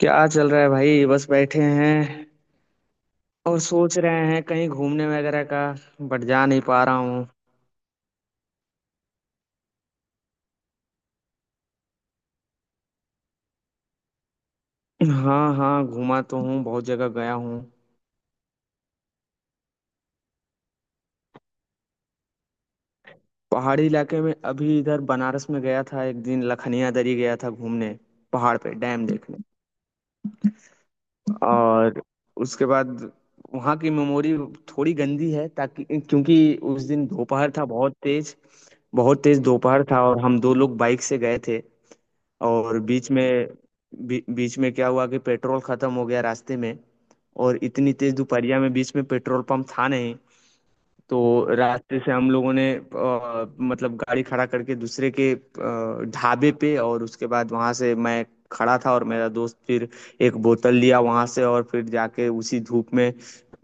क्या चल रहा है भाई, बस बैठे हैं। और सोच रहे हैं कहीं घूमने वगैरह का। बट जा नहीं पा रहा हूँ। हाँ हाँ, घूमा तो हूँ, बहुत जगह गया हूँ। पहाड़ी इलाके में अभी इधर बनारस में गया था, एक दिन लखनिया दरी गया था घूमने। पहाड़ पे डैम देखने। और उसके बाद वहाँ की मेमोरी थोड़ी गंदी है ताकि क्योंकि उस दिन दोपहर था बहुत तेज। बहुत तेज दोपहर था और हम दो लोग बाइक से गए थे। और बीच में बीच में क्या हुआ कि पेट्रोल खत्म हो गया रास्ते में। और इतनी तेज दोपहरिया में बीच में पेट्रोल पंप था नहीं। तो रास्ते से हम लोगों ने मतलब गाड़ी खड़ा करके दूसरे के ढाबे पे। और उसके बाद वहां से मैं खड़ा था और मेरा दोस्त फिर एक बोतल लिया वहां से। और फिर जाके उसी धूप में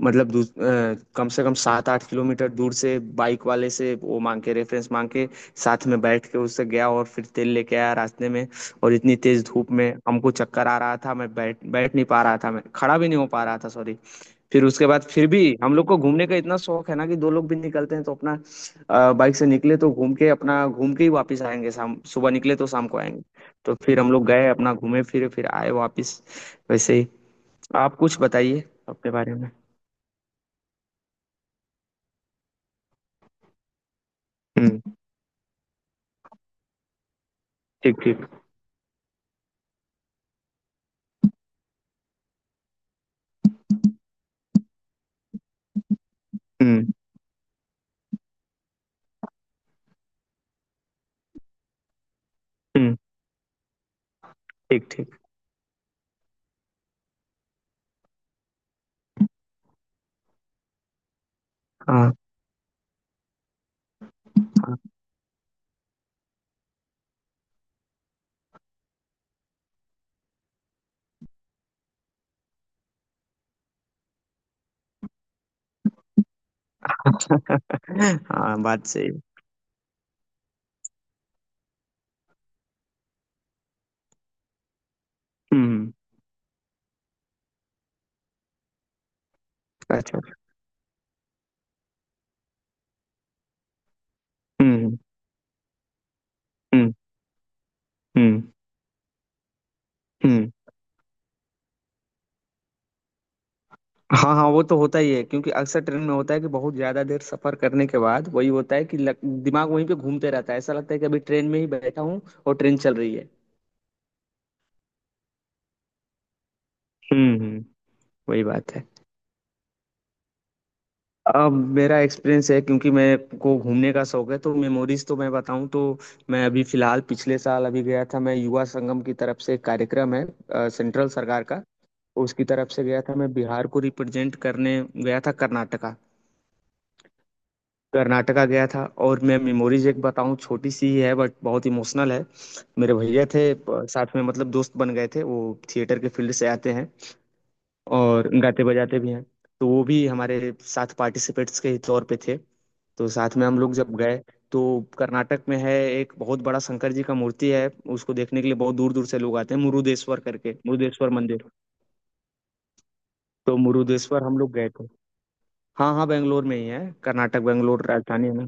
मतलब कम से कम 7 8 किलोमीटर दूर से बाइक वाले से वो मांग के, रेफरेंस मांग के, साथ में बैठ के उससे गया और फिर तेल लेके आया रास्ते में। और इतनी तेज धूप में हमको चक्कर आ रहा था, मैं बैठ बैठ नहीं पा रहा था, मैं खड़ा भी नहीं हो पा रहा था, सॉरी। फिर उसके बाद फिर भी हम लोग को घूमने का इतना शौक है ना कि दो लोग भी निकलते हैं तो अपना बाइक से निकले तो घूम के, अपना घूम के ही वापस आएंगे, शाम सुबह निकले तो शाम को आएंगे। तो फिर हम लोग गए अपना, घूमे फिरे, फिर आए वापस। वैसे ही। आप कुछ बताइए अपने बारे में। हम्म। ठीक ठीक। हम्म हम्म। ठीक ठीक। हाँ हाँ हाँ, बात सही है। हम्म। अच्छा। हम्म हम्म हम्म हम्म। हाँ हाँ, वो तो होता ही है क्योंकि अक्सर ट्रेन में होता है कि बहुत ज्यादा देर सफर करने के बाद वही होता है कि दिमाग वहीं पे घूमते रहता है, ऐसा लगता है कि अभी ट्रेन में ही बैठा हूँ और ट्रेन चल रही है। हम्म। वही बात है। अब मेरा एक्सपीरियंस है, क्योंकि मेरे को घूमने का शौक है तो मेमोरीज तो मैं बताऊं तो, मैं अभी फिलहाल पिछले साल अभी गया था, मैं युवा संगम की तरफ से, एक कार्यक्रम है सेंट्रल सरकार का, उसकी तरफ से गया था। मैं बिहार को रिप्रेजेंट करने गया था कर्नाटका। कर्नाटका गया था। और मैं मेमोरीज एक बताऊं, छोटी सी ही है बट बहुत इमोशनल है। मेरे भैया थे साथ में, मतलब दोस्त बन गए थे वो। थिएटर के फील्ड से आते हैं और गाते बजाते भी हैं। तो वो भी हमारे साथ पार्टिसिपेट्स के ही तौर पे थे। तो साथ में हम लोग जब गए, तो कर्नाटक में है एक बहुत बड़ा शंकर जी का मूर्ति है, उसको देखने के लिए बहुत दूर दूर से लोग आते हैं, मुरुदेश्वर करके, मुरुदेश्वर मंदिर। तो मुरुदेश्वर हम लोग गए थे। हाँ हाँ, बेंगलोर में ही है, कर्नाटक, बेंगलोर राजधानी है ना।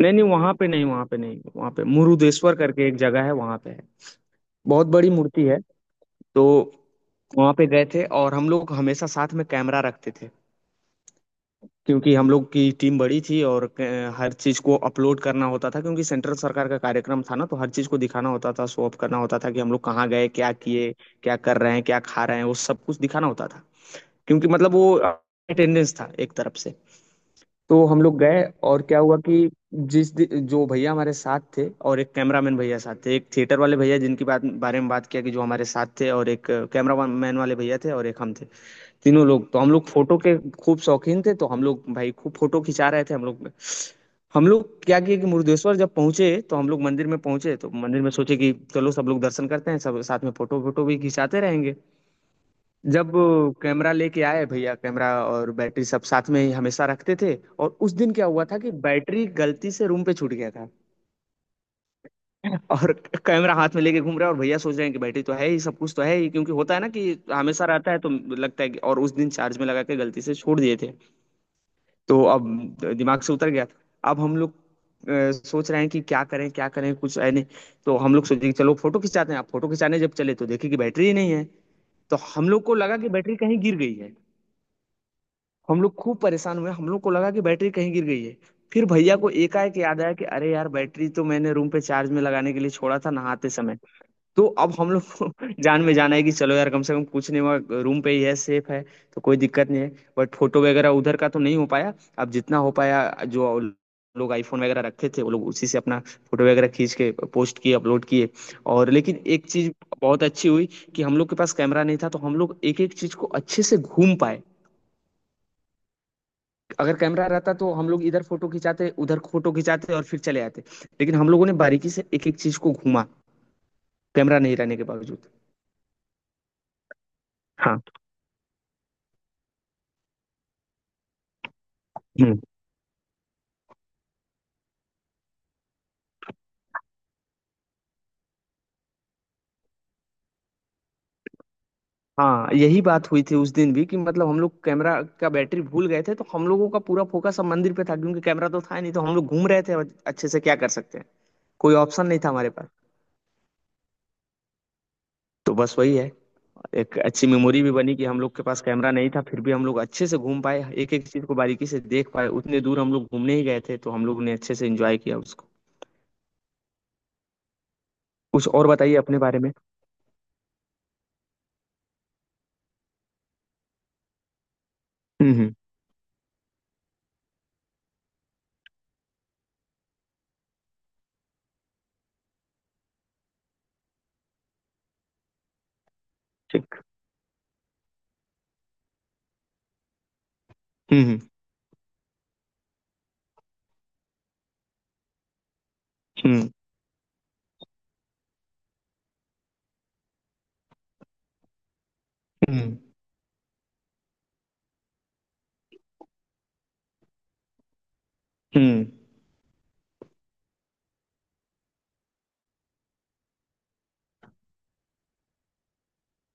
नहीं नहीं, वहां पे नहीं, वहां पे नहीं, वहां पे मुरुदेश्वर करके एक जगह है, वहां पे है। बहुत बड़ी मूर्ति है। तो वहां पे गए थे और हम लोग हमेशा साथ में कैमरा रखते थे। क्योंकि हम लोग की टीम बड़ी थी और हर चीज को अपलोड करना होता था, क्योंकि सेंट्रल सरकार का कार्यक्रम था ना, तो हर चीज को दिखाना होता था, शो ऑफ करना होता था कि हम लोग कहाँ गए, क्या किए, क्या कर रहे हैं, क्या खा रहे हैं, वो सब कुछ दिखाना होता था। क्योंकि मतलब वो अटेंडेंस था एक तरफ से। तो हम लोग गए और क्या हुआ कि, जो भैया हमारे साथ थे और एक कैमरामैन भैया साथ थे, एक थिएटर वाले भैया जिनकी बात बारे में बात किया, कि जो हमारे साथ थे, और एक कैमरामैन वाले भैया थे, और एक हम थे। तीनों लोग, तो हम लोग फोटो के खूब शौकीन थे, तो हम लोग भाई खूब फोटो खिंचा रहे थे हम लोग। हम लोग क्या किए कि मुरुदेश्वर जब पहुंचे तो हम लोग मंदिर में पहुंचे, तो मंदिर में सोचे कि चलो सब लोग दर्शन करते हैं, सब साथ में फोटो वोटो भी खिंचाते रहेंगे। जब कैमरा लेके आए भैया, कैमरा और बैटरी सब साथ में ही हमेशा रखते थे, और उस दिन क्या हुआ था कि बैटरी गलती से रूम पे छूट गया था। और कैमरा हाथ में लेके घूम रहे हैं और भैया सोच रहे हैं कि बैटरी तो है ही, सब कुछ तो है ही, क्योंकि होता है ना कि हमेशा रहता है तो लगता है कि, और उस दिन चार्ज में लगा के गलती से छोड़ दिए थे। तो अब दिमाग से उतर गया था। अब हम लोग सोच रहे हैं कि क्या करें क्या करें, कुछ है नहीं। तो हम लोग सोचे कि चलो फोटो खिंचाते हैं। आप फोटो खिंचाने जब चले तो देखे कि बैटरी ही नहीं है। तो हम लोग को लगा कि बैटरी कहीं गिर गई है। हम लोग खूब परेशान हुए, हम लोग को लगा कि बैटरी कहीं गिर गई है। फिर भैया को एकाएक याद आया कि अरे यार, बैटरी तो मैंने रूम पे चार्ज में लगाने के लिए छोड़ा था नहाते समय। तो अब हम लोग को जान में जाना है कि चलो यार कम से कम कुछ नहीं हुआ, रूम पे ही है, सेफ है, तो कोई दिक्कत नहीं है। बट फोटो वगैरह उधर का तो नहीं हो पाया। अब जितना हो पाया, जो लोग आईफोन वगैरह रखे थे, वो लोग उसी से अपना फोटो वगैरह खींच के पोस्ट किए, अपलोड किए। और लेकिन एक चीज बहुत अच्छी हुई, कि हम लोग के पास कैमरा नहीं था तो हम लोग एक एक चीज को अच्छे से घूम पाए। अगर कैमरा रहता तो हम लोग इधर फोटो खिंचाते, उधर फोटो खिंचाते, और फिर चले आते। लेकिन हम लोगों ने बारीकी से एक एक चीज को घूमा, कैमरा नहीं रहने के बावजूद। हाँ। हम्म। हाँ यही बात हुई थी उस दिन भी कि मतलब हम लोग कैमरा का बैटरी भूल गए थे तो हम लोगों का पूरा फोकस अब मंदिर पे था, क्योंकि कैमरा तो था ही नहीं, तो हम लोग घूम रहे थे और अच्छे से, क्या कर सकते हैं, कोई ऑप्शन नहीं था हमारे पास। तो बस वही है, एक अच्छी मेमोरी भी बनी, कि हम लोग के पास कैमरा नहीं था फिर भी हम लोग अच्छे से घूम पाए, एक एक चीज को बारीकी से देख पाए, उतने दूर हम लोग घूमने ही गए थे तो हम लोग ने अच्छे से एंजॉय किया उसको। कुछ और बताइए अपने बारे में। हम्म। ठीक। हम्म हम्म हम्म हम्म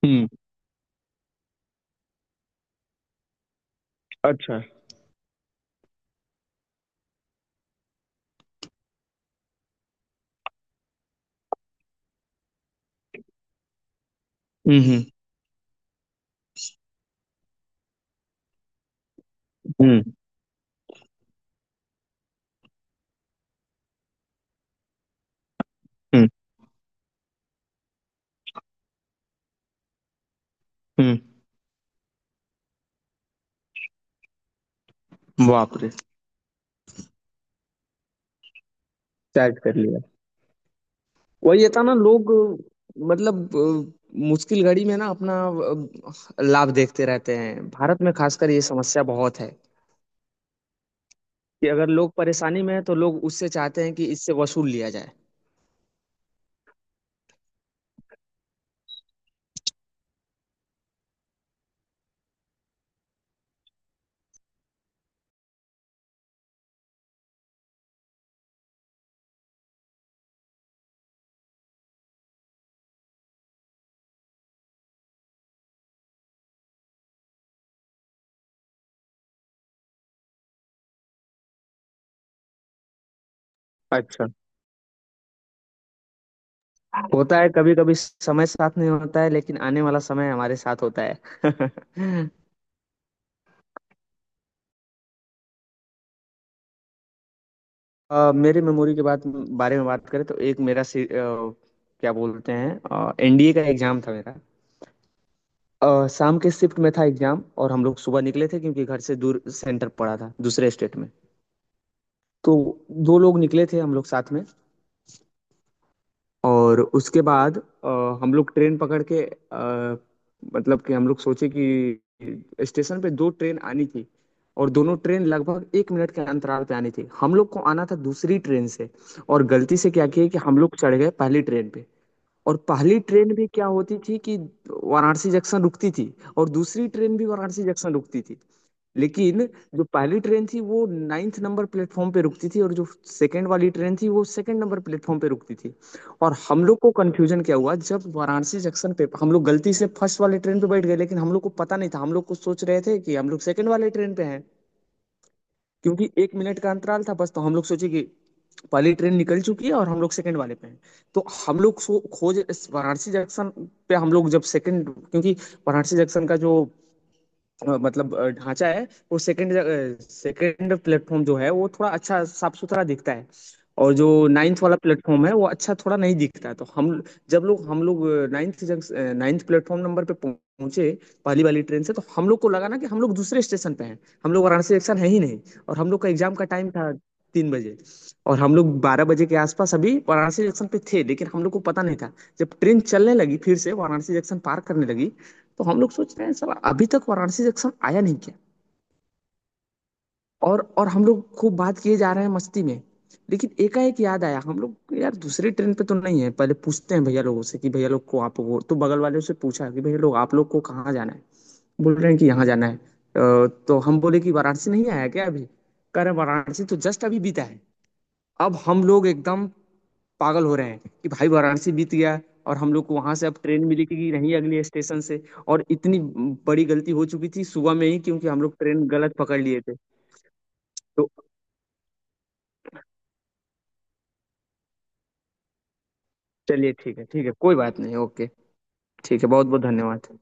हम्म। अच्छा। हम्म हम्म हम्म हम्म हम्म, बाप रे। चैट कर लिया। वही ये था ना लोग, मतलब मुश्किल घड़ी में ना अपना लाभ देखते रहते हैं। भारत में खासकर ये समस्या बहुत है कि अगर लोग परेशानी में हैं तो लोग उससे चाहते हैं कि इससे वसूल लिया जाए। अच्छा। होता है कभी कभी समय साथ नहीं होता है, लेकिन आने वाला समय हमारे साथ होता है। मेरे मेमोरी के बात बारे में बात करें तो एक मेरा क्या बोलते हैं, एनडीए का एग्जाम था मेरा। शाम के शिफ्ट में था एग्जाम, और हम लोग सुबह निकले थे क्योंकि घर से दूर सेंटर पड़ा था, दूसरे स्टेट में। तो दो लोग निकले थे हम लोग साथ में। और उसके बाद हम लोग ट्रेन पकड़ के मतलब कि हम लोग सोचे कि स्टेशन पे दो ट्रेन आनी थी और दोनों ट्रेन लगभग 1 मिनट के अंतराल पे आनी थी, हम लोग को आना था दूसरी ट्रेन से। और गलती से क्या किया कि हम लोग चढ़ गए पहली ट्रेन पे। और पहली ट्रेन भी क्या होती थी कि वाराणसी जंक्शन रुकती थी, और दूसरी ट्रेन भी वाराणसी जंक्शन रुकती थी। लेकिन जो पहली ट्रेन थी वो नाइन्थ नंबर प्लेटफॉर्म पे रुकती थी, और जो सेकंड वाली ट्रेन थी वो सेकंड नंबर प्लेटफॉर्म पे रुकती थी। और हम लोग को कंफ्यूजन क्या हुआ, जब वाराणसी जंक्शन पे हम लोग गलती से फर्स्ट वाले ट्रेन पे बैठ गए लेकिन हम लोग को पता नहीं था, हम लोग को सोच रहे थे कि हम लोग सेकंड वाले ट्रेन पे हैं। क्योंकि 1 मिनट का अंतराल था बस, तो हम लोग सोचे कि पहली ट्रेन निकल चुकी है और हम लोग सेकंड वाले पे हैं। तो हम लोग सो खोज इस वाराणसी जंक्शन पे हम लोग जब सेकंड, क्योंकि वाराणसी जंक्शन का जो मतलब ढांचा है, वो सेकंड, सेकंड प्लेटफॉर्म जो है वो थोड़ा अच्छा साफ सुथरा दिखता है, और जो नाइन्थ वाला प्लेटफॉर्म है वो अच्छा थोड़ा नहीं दिखता है। तो हम, जब लोग, हम लोग नाइन्थ जंक्शन नाइन्थ प्लेटफॉर्म नंबर पे पहुंचे, पहली वाली ट्रेन से, तो हम लोग को लगा ना कि हम लोग दूसरे स्टेशन पे हैं, हम लोग वाराणसी जंक्शन है ही नहीं। और हम लोग का एग्जाम का टाइम था 3 बजे, और हम लोग 12 बजे के आसपास अभी वाराणसी जंक्शन पे थे, लेकिन हम लोग को पता नहीं था। जब ट्रेन चलने लगी फिर से वाराणसी जंक्शन पार करने लगी, तो हम लोग सोच रहे हैं सर अभी तक वाराणसी सेक्शन आया नहीं क्या। और हम लोग खूब बात किए जा रहे हैं मस्ती में। लेकिन एकाएक याद आया, हम लोग यार दूसरी ट्रेन पे तो नहीं है, पहले पूछते हैं भैया लोगों से कि भैया लोग को आप, वो तो बगल वाले से पूछा कि भैया लोग आप लोग को कहाँ जाना है। बोल रहे हैं कि यहाँ जाना है, तो हम बोले कि वाराणसी नहीं आया क्या अभी। कह रहे हैं, वाराणसी तो जस्ट अभी बीता है। अब हम लोग एकदम पागल हो रहे हैं कि भाई वाराणसी बीत गया और हम लोग को वहां से अब ट्रेन मिलेगी नहीं, अगले स्टेशन से। और इतनी बड़ी गलती हो चुकी थी सुबह में ही, क्योंकि हम लोग ट्रेन गलत पकड़ लिए थे। तो चलिए ठीक है, ठीक है, कोई बात नहीं, ओके। ठीक है, बहुत बहुत धन्यवाद।